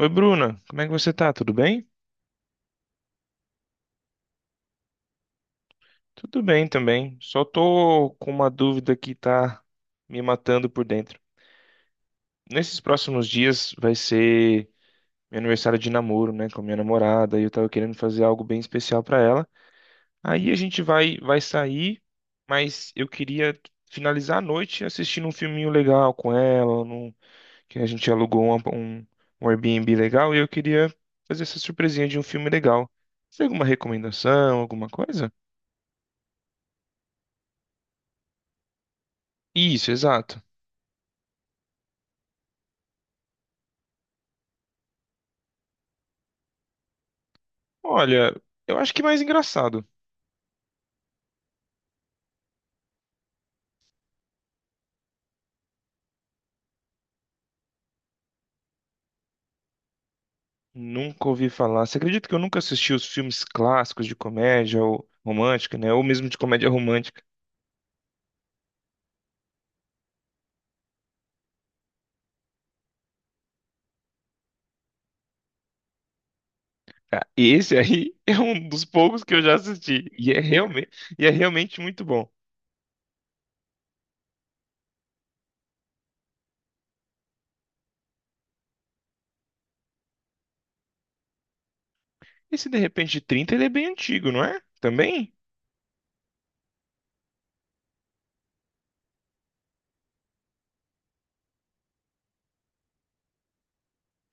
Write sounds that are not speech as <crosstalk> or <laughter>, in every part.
Oi, Bruna, como é que você tá? Tudo bem? Tudo bem também. Só tô com uma dúvida que tá me matando por dentro. Nesses próximos dias vai ser meu aniversário de namoro, né, com a minha namorada, e eu tava querendo fazer algo bem especial pra ela. Aí a gente vai sair, mas eu queria finalizar a noite assistindo um filminho legal com ela, que a gente alugou um Airbnb legal, e eu queria fazer essa surpresinha de um filme legal. Você tem alguma recomendação, alguma coisa? Isso, exato. Olha, eu acho que mais engraçado. Nunca ouvi falar. Você acredita que eu nunca assisti os filmes clássicos de comédia ou romântica, né? Ou mesmo de comédia romântica. Ah, esse aí <laughs> é um dos poucos que eu já assisti. E é realmente muito bom. Esse De Repente de 30, ele é bem antigo, não é? Também?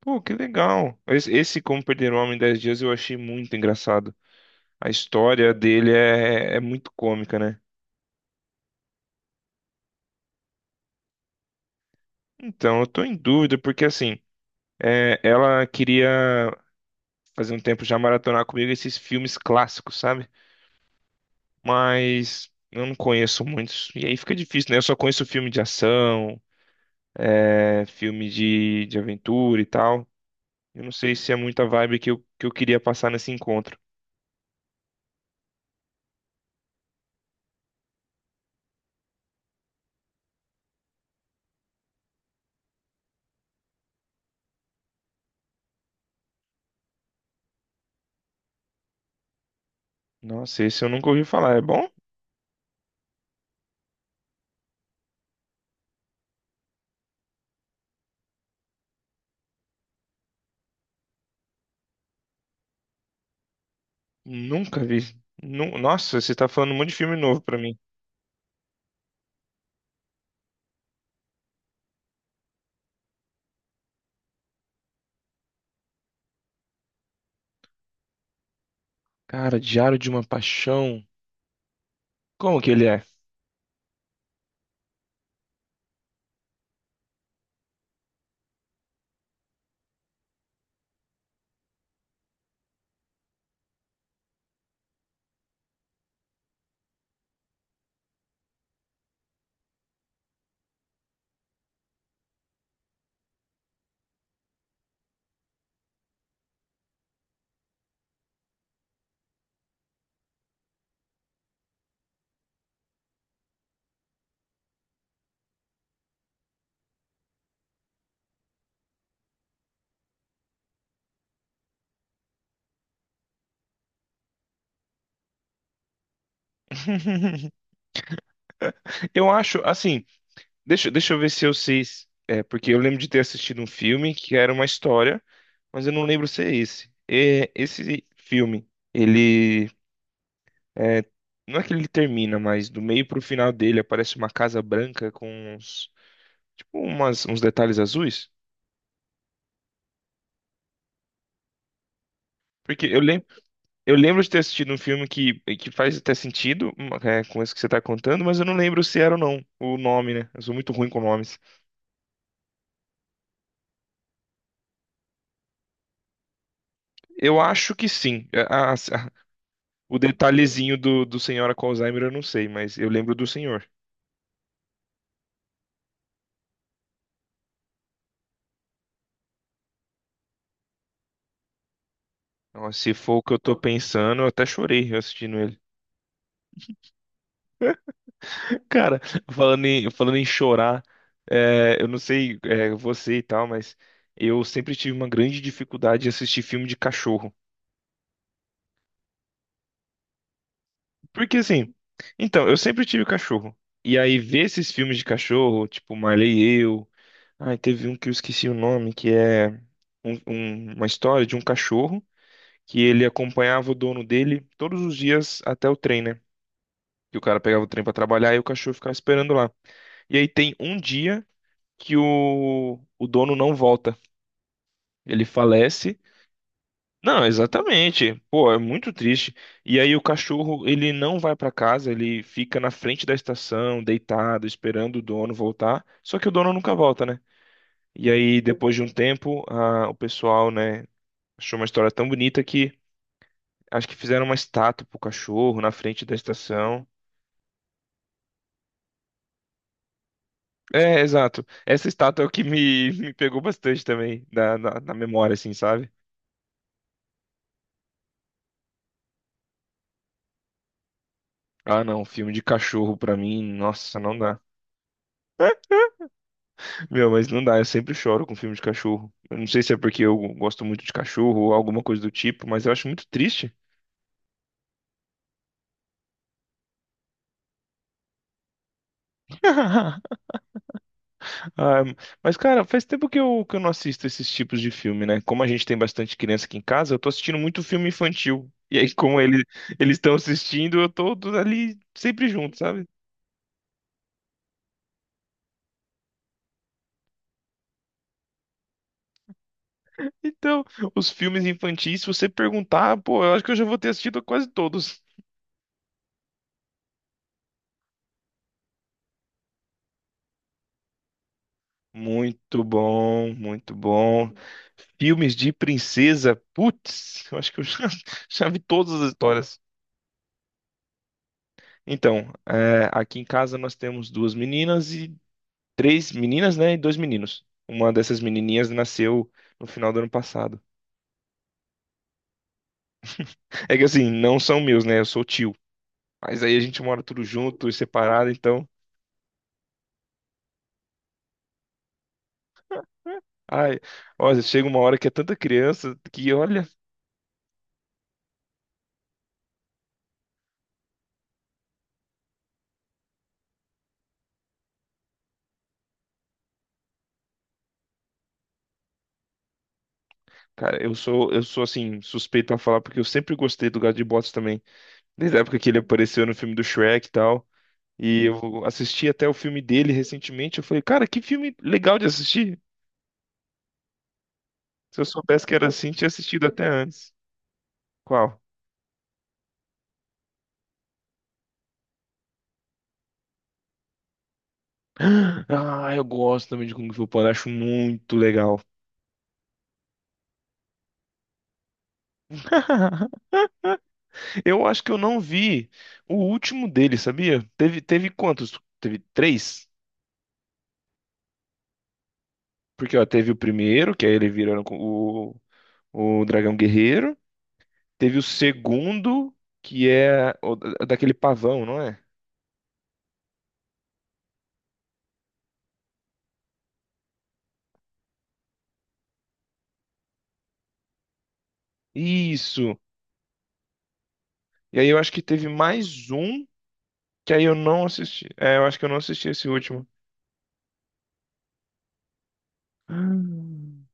Pô, que legal. Esse Como Perder um Homem em 10 Dias eu achei muito engraçado. A história dele é muito cômica, né? Então, eu tô em dúvida, porque assim, ela queria fazia um tempo já maratonar comigo esses filmes clássicos, sabe? Mas eu não conheço muitos. E aí fica difícil, né? Eu só conheço filme de ação, filme de aventura e tal. Eu não sei se é muita vibe que eu queria passar nesse encontro. Nossa, esse eu nunca ouvi falar. É bom? Nunca vi. Nossa, você tá falando um monte de filme novo pra mim. Cara, Diário de uma Paixão. Como que ele é? <laughs> Eu acho, assim, deixa eu ver se eu sei. É, porque eu lembro de ter assistido um filme que era uma história. Mas eu não lembro se é esse. É, esse filme, ele é, não é que ele termina, mas do meio pro final dele aparece uma casa branca com uns, tipo umas, uns detalhes azuis. Porque eu lembro de ter assistido um filme que faz até sentido, com isso que você tá contando, mas eu não lembro se era ou não o nome, né? Eu sou muito ruim com nomes. Eu acho que sim. O detalhezinho do Senhora com Alzheimer eu não sei, mas eu lembro do senhor. Nossa, se for o que eu tô pensando, eu até chorei assistindo ele. Cara, falando em chorar, eu não sei, você e tal, mas eu sempre tive uma grande dificuldade de assistir filme de cachorro. Porque assim, então, eu sempre tive cachorro. E aí ver esses filmes de cachorro, tipo Marley e Eu. Ai, teve um que eu esqueci o nome, que é uma história de um cachorro que ele acompanhava o dono dele todos os dias até o trem, né? Que o cara pegava o trem pra trabalhar e o cachorro ficava esperando lá. E aí tem um dia o dono não volta. Ele falece. Não, exatamente. Pô, é muito triste. E aí o cachorro, ele não vai pra casa, ele fica na frente da estação, deitado, esperando o dono voltar. Só que o dono nunca volta, né? E aí, depois de um tempo, o pessoal, né, achou uma história tão bonita que acho que fizeram uma estátua pro cachorro na frente da estação. É, exato. Essa estátua é o que me, <laughs> me pegou bastante também, na memória, assim, sabe? Ah, não, filme de cachorro pra mim, nossa, não dá. <laughs> Meu, mas não dá, eu sempre choro com filme de cachorro. Eu não sei se é porque eu gosto muito de cachorro ou alguma coisa do tipo, mas eu acho muito triste. <laughs> Ah, mas, cara, faz tempo que eu não assisto esses tipos de filme, né? Como a gente tem bastante criança aqui em casa, eu tô assistindo muito filme infantil. E aí, como ele, eles estão assistindo, eu tô ali sempre junto, sabe? Então, os filmes infantis, se você perguntar, pô, eu acho que eu já vou ter assistido quase todos. Muito bom, muito bom. Filmes de princesa, putz, eu acho que eu já, <laughs> já vi todas as histórias. Então, é, aqui em casa nós temos duas meninas e três meninas, né, e dois meninos. Uma dessas menininhas nasceu no final do ano passado. É que assim, não são meus, né, eu sou tio. Mas aí a gente mora tudo junto e separado, então, ai, olha, chega uma hora que é tanta criança que, olha, cara, eu sou assim, suspeito a falar porque eu sempre gostei do gato de botas também. Desde a época que ele apareceu no filme do Shrek e tal. E eu assisti até o filme dele recentemente. Eu falei, cara, que filme legal de assistir. Se eu soubesse que era assim, tinha assistido até antes. Qual? <gasps> Ah, eu gosto também de Kung Fu Panda, acho muito legal. <laughs> Eu acho que eu não vi o último dele, sabia? Teve, teve quantos? Teve três? Porque, ó, teve o primeiro, que aí ele virando o Dragão Guerreiro. Teve o segundo, que é o, daquele pavão, não é? Isso. E aí eu acho que teve mais um que aí eu não assisti. É, eu acho que eu não assisti esse último. Hum.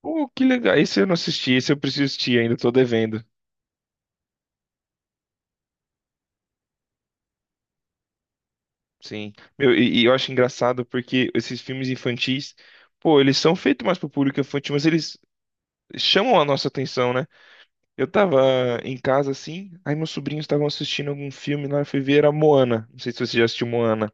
Pô, que legal. Esse eu não assisti, esse eu preciso assistir, ainda tô devendo. Sim. Meu, e eu acho engraçado porque esses filmes infantis, pô, eles são feitos mais pro público infantil, mas eles chamam a nossa atenção, né? Eu tava em casa assim, aí meus sobrinhos estavam assistindo algum filme lá, eu fui ver, era Moana. Não sei se você já assistiu Moana.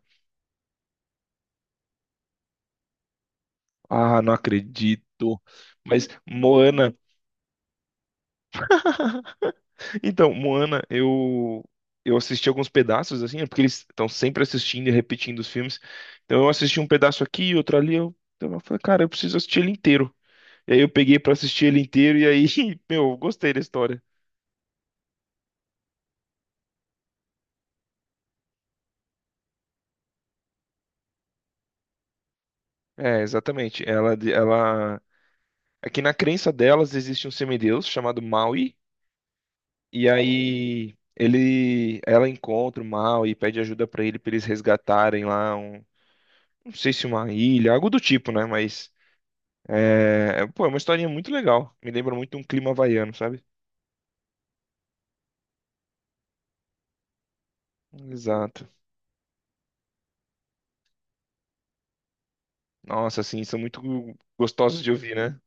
Ah, não acredito. Mas Moana. <laughs> Então, Moana, eu assisti alguns pedaços assim, é porque eles estão sempre assistindo e repetindo os filmes. Então eu assisti um pedaço aqui, outro ali, então eu falei, cara, eu preciso assistir ele inteiro. E aí eu peguei pra assistir ele inteiro e aí, <laughs> meu, eu gostei da história. É, exatamente. Ela aqui na crença delas existe um semideus chamado Maui e aí ele ela encontra o Maui e pede ajuda pra ele pra eles resgatarem lá um, não sei se uma ilha, algo do tipo, né, mas é, pô, é uma historinha muito legal. Me lembra muito um clima havaiano, sabe? Exato. Nossa, assim, são muito gostosos de ouvir, né?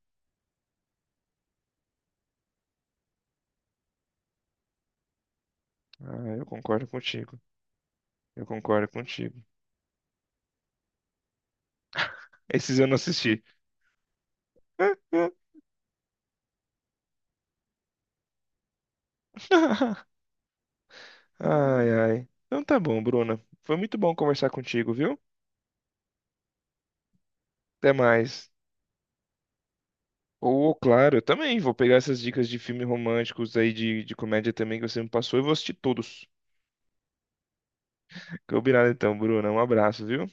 Ah, eu concordo contigo. Eu concordo contigo. Esses eu não assisti. <laughs> Ai, ai. Então tá bom, Bruna. Foi muito bom conversar contigo, viu? Até mais. Ou, claro, eu também vou pegar essas dicas de filmes românticos aí, de comédia também que você me passou e vou assistir todos. Combinado então, Bruna. Um abraço, viu?